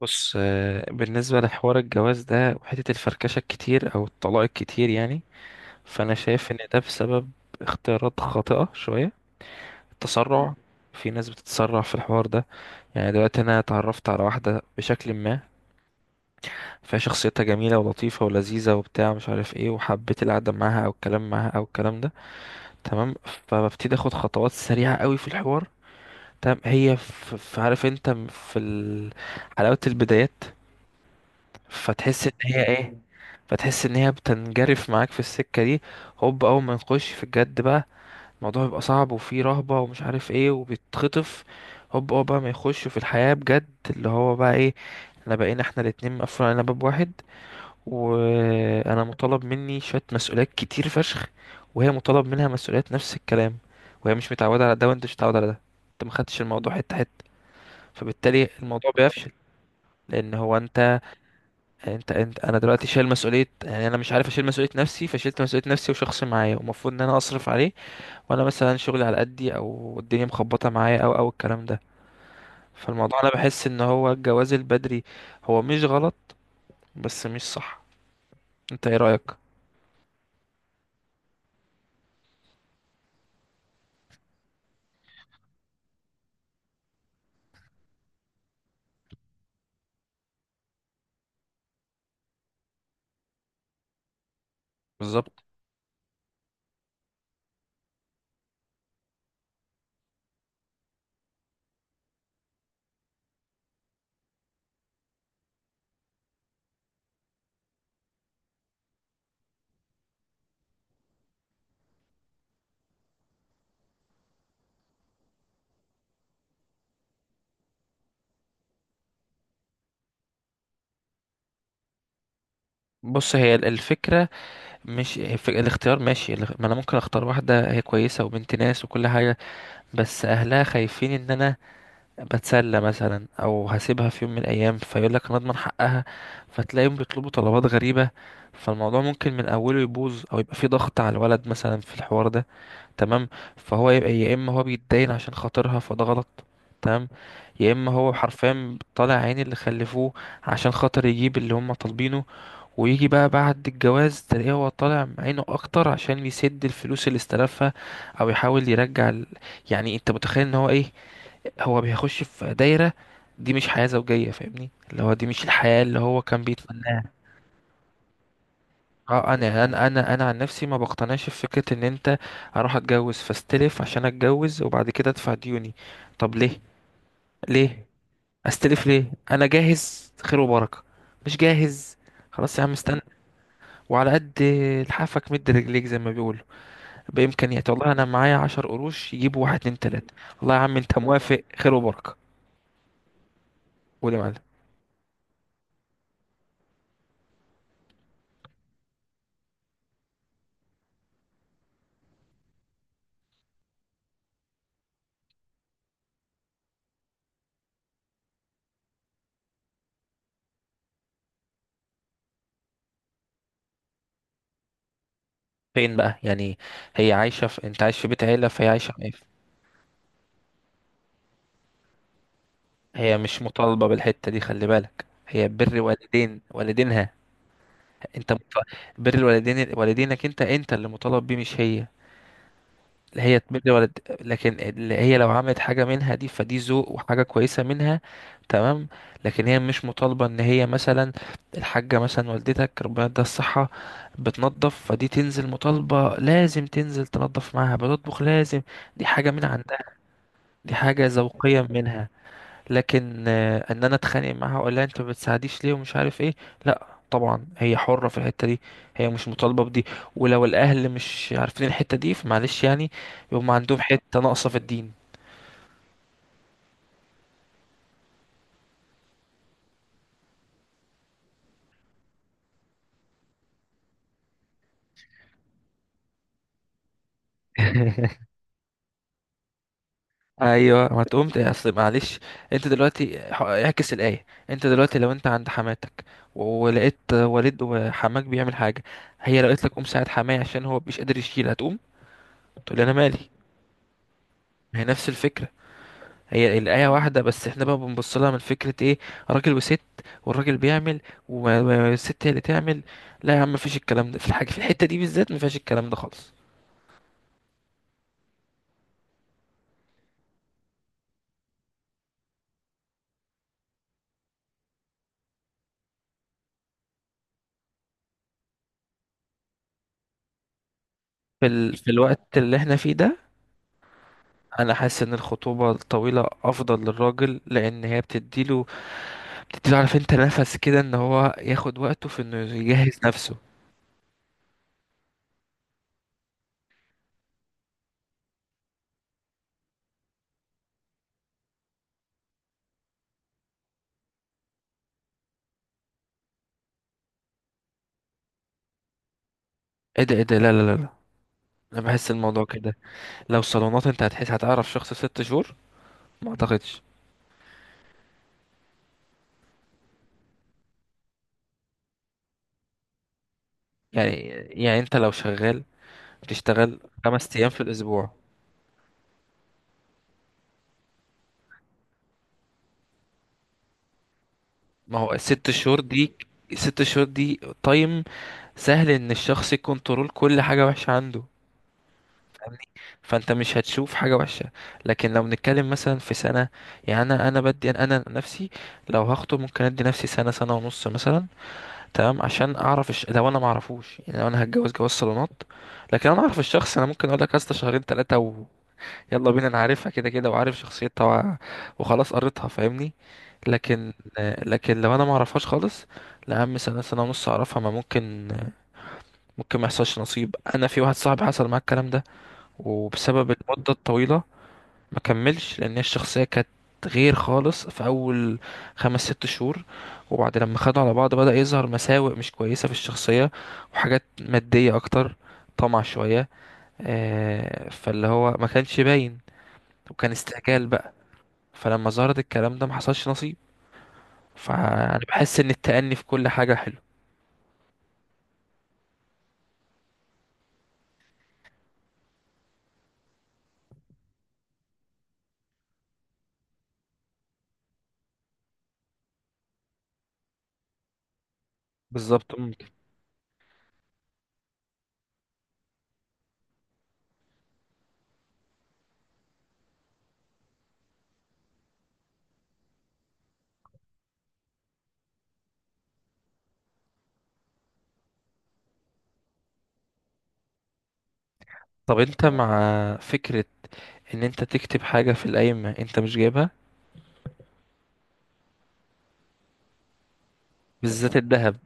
بص، آه، بالنسبة لحوار الجواز ده وحتة الفركشة الكتير أو الطلاق الكتير يعني فأنا شايف إن ده بسبب اختيارات خاطئة شوية. التسرع، في ناس بتتسرع في الحوار ده. يعني دلوقتي أنا اتعرفت على واحدة بشكل ما، فشخصيتها جميلة ولطيفة ولذيذة وبتاع مش عارف ايه، وحبيت القعدة معاها أو الكلام معاها أو الكلام ده، تمام؟ فببتدي أخد خطوات سريعة قوي في الحوار. تمام، هي في، عارف انت، في حلاوة البدايات. فتحس ان هي ايه، فتحس ان هي بتنجرف معاك في السكة دي. هوب اول ما نخش في الجد بقى، الموضوع بيبقى صعب وفيه رهبة ومش عارف ايه وبيتخطف. هوب اول بقى ما يخشوا في الحياة بجد، اللي هو بقى ايه، احنا بقينا احنا الاتنين مقفول علينا باب واحد، وانا مطالب مني شوية مسؤوليات كتير فشخ، وهي مطالب منها مسؤوليات نفس الكلام، وهي مش متعودة على ده وانت مش متعود على ده. انت ما خدتش الموضوع حتة حتة، فبالتالي الموضوع بيفشل. لان هو انت انا دلوقتي شايل مسؤوليه، يعني انا مش عارف اشيل مسؤوليه نفسي، فشلت مسؤوليه نفسي وشخص معايا ومفروض ان انا اصرف عليه، وانا مثلا شغلي على قدي او الدنيا مخبطه معايا او الكلام ده. فالموضوع انا بحس ان هو الجواز البدري هو مش غلط، بس مش صح. انت ايه رايك؟ بالظبط. بص، هي الفكره مش الاختيار، ماشي. ما انا ممكن اختار واحده هي كويسه وبنت ناس وكل حاجه، بس اهلها خايفين ان انا بتسلى مثلا او هسيبها في يوم من الايام، فيقول لك انا اضمن حقها، فتلاقيهم بيطلبوا طلبات غريبه. فالموضوع ممكن من اوله يبوظ او يبقى فيه ضغط على الولد مثلا في الحوار ده، تمام؟ فهو يبقى يا اما هو بيتداين عشان خاطرها، فده غلط، تمام؟ يا اما هو حرفيا طالع عين اللي خلفوه عشان خاطر يجيب اللي هم طالبينه، ويجي بقى بعد الجواز تلاقيه هو طالع عينه اكتر عشان يسد الفلوس اللي استلفها، او يحاول يرجع يعني انت متخيل ان هو ايه، هو بيخش في دايرة. دي مش حياة زوجية، فاهمني؟ اللي هو دي مش الحياة اللي هو كان بيتمناها. اه، انا عن نفسي ما بقتنعش في فكرة ان انت اروح اتجوز فاستلف عشان اتجوز وبعد كده ادفع ديوني. طب ليه؟ ليه؟ استلف ليه؟ انا جاهز خير وبركة، مش جاهز خلاص يا عم استنى. وعلى قد لحافك مد رجليك، زي ما بيقولوا، بإمكانيات. والله انا معايا عشر قروش يجيبوا واحد اتنين تلاتة. والله يا عم انت موافق خير وبركة. قول يا معلم. فين بقى يعني؟ هي عايشة في، انت عايش في بيت عيلة فهي عايشة في... إيه؟ هي مش مطالبة بالحتة دي، خلي بالك، هي بر والدين والدينها. انت مط... بر والدين والدينك، انت اللي مطالب بيه مش هي. لا، هي تبر والد، لكن اللي هي لو عملت حاجة منها دي فدي ذوق وحاجة كويسة منها، تمام؟ لكن هي مش مطالبة ان هي مثلا، الحاجة مثلا والدتك ربنا يديها الصحة بتنظف، فدي تنزل مطالبة لازم تنزل تنظف معاها، بتطبخ لازم. دي حاجة من عندها، دي حاجة ذوقية منها. لكن آه، ان انا اتخانق معاها اقول لها انت ما بتساعديش ليه ومش عارف ايه، لا طبعا، هي حرة في الحتة دي، هي مش مطالبة بدي. ولو الاهل مش عارفين الحتة دي فمعلش يعني، يبقى عندهم حتة ناقصة في الدين. ايوه، ما تقوم اصل معلش، انت دلوقتي اعكس الايه، انت دلوقتي لو انت عند حماتك ولقيت والد وحماك بيعمل حاجه، هي لو قالت لك قوم ساعد حماي عشان هو مش قادر يشيل، هتقوم تقول لي انا مالي؟ ما هي نفس الفكره، هي الآية واحدة، بس احنا بقى بنبص لها من فكرة ايه، راجل وست، والراجل بيعمل والست هي اللي تعمل. لا يا عم، مفيش الكلام ده في الحاجة، في الحتة دي بالذات مفيهاش الكلام ده خالص. في, في الوقت اللي احنا فيه ده، انا حاسس ان الخطوبة الطويلة افضل للراجل، لان هي بتديله، بتديله، عارف انت، نفس كده، ان هو ياخد وقته في انه يجهز نفسه. ايه ده، ايه ده، لا لا لا لا، انا بحس الموضوع كده. لو صالونات انت هتحس هتعرف شخص في ست شهور؟ ما اعتقدش. يعني، يعني انت لو شغال، بتشتغل خمس ايام في الاسبوع، ما هو الست شهور دي، الست شهور دي تايم سهل ان الشخص يكنترول كل حاجة وحشة عنده، فاهمني؟ فانت مش هتشوف حاجة وحشة. لكن لو بنتكلم مثلا في سنة، يعني انا بدي انا نفسي لو هخطب ممكن ادي نفسي سنة سنة ونص مثلا، تمام، عشان اعرف لو انا معرفوش، يعني لو انا هتجوز جواز صالونات. لكن لو انا اعرف الشخص، انا ممكن اقول لك يا اسطى شهرين ثلاثة، يلا بينا، انا عارفها كده كده وعارف شخصيتها وخلاص قريتها، فاهمني؟ لكن، لكن لو انا ما اعرفهاش خالص، لا يا عم، سنه سنه ونص اعرفها، ما ممكن. ممكن ما يحصلش نصيب. انا في واحد صاحبي حصل معاه الكلام ده، وبسبب المده الطويله ما كملش، لان هي الشخصيه كانت غير خالص في اول خمس ست شهور، وبعد لما خدوا على بعض بدأ يظهر مساوئ مش كويسه في الشخصيه، وحاجات ماديه اكتر، طمع شويه، آه، فاللي هو ما كانش باين، وكان استعجال بقى. فلما ظهرت الكلام ده ما حصلش نصيب. فانا بحس ان التأني في كل حاجة حلو. بالظبط. ممكن؟ طب انت مع فكرة ان انت تكتب حاجة في القايمة انت مش جايبها، بالذات الذهب؟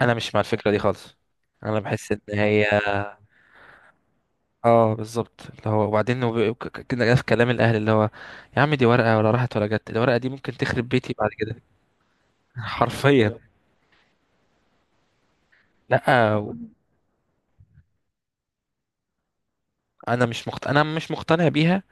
انا مش مع الفكرة دي خالص. انا بحس ان هي، اه بالظبط، اللي هو وبعدين كده في كلام الاهل اللي هو، يا عم دي ورقة، ولا راحت ولا جت، الورقة دي ممكن تخرب بيتي بعد كده. حرفيا. لا، انا مش مقتنع بيها،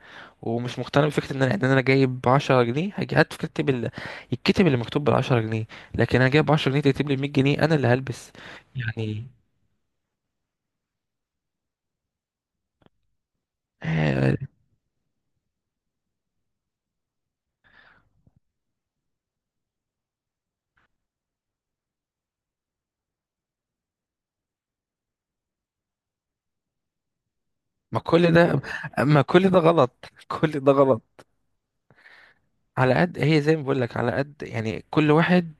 ومش مقتنع بفكرة ان انا، ان انا جايب 10 جنيه هات فكرتي الكتب اللي مكتوب بال 10 جنيه. لكن انا جايب 10 جنيه تكتب لي 100 جنيه؟ انا اللي هلبس يعني. آه، ما كل ده، ما كل ده غلط كل ده غلط. على قد، هي زي ما بقول لك، على قد يعني، كل واحد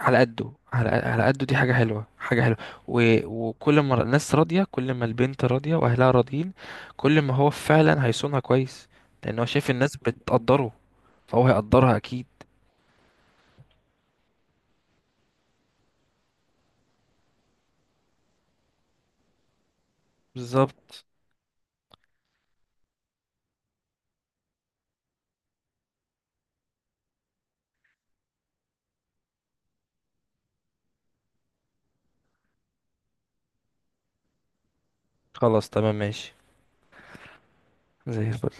على قده، على قده، دي حاجة حلوة، حاجة حلوة، و... وكل ما الناس راضية، كل ما البنت راضية واهلها راضيين، كل ما هو فعلا هيصونها كويس، لان هو شايف الناس بتقدره، فهو هيقدرها اكيد. بالظبط. خلاص تمام ماشي، زي الفل.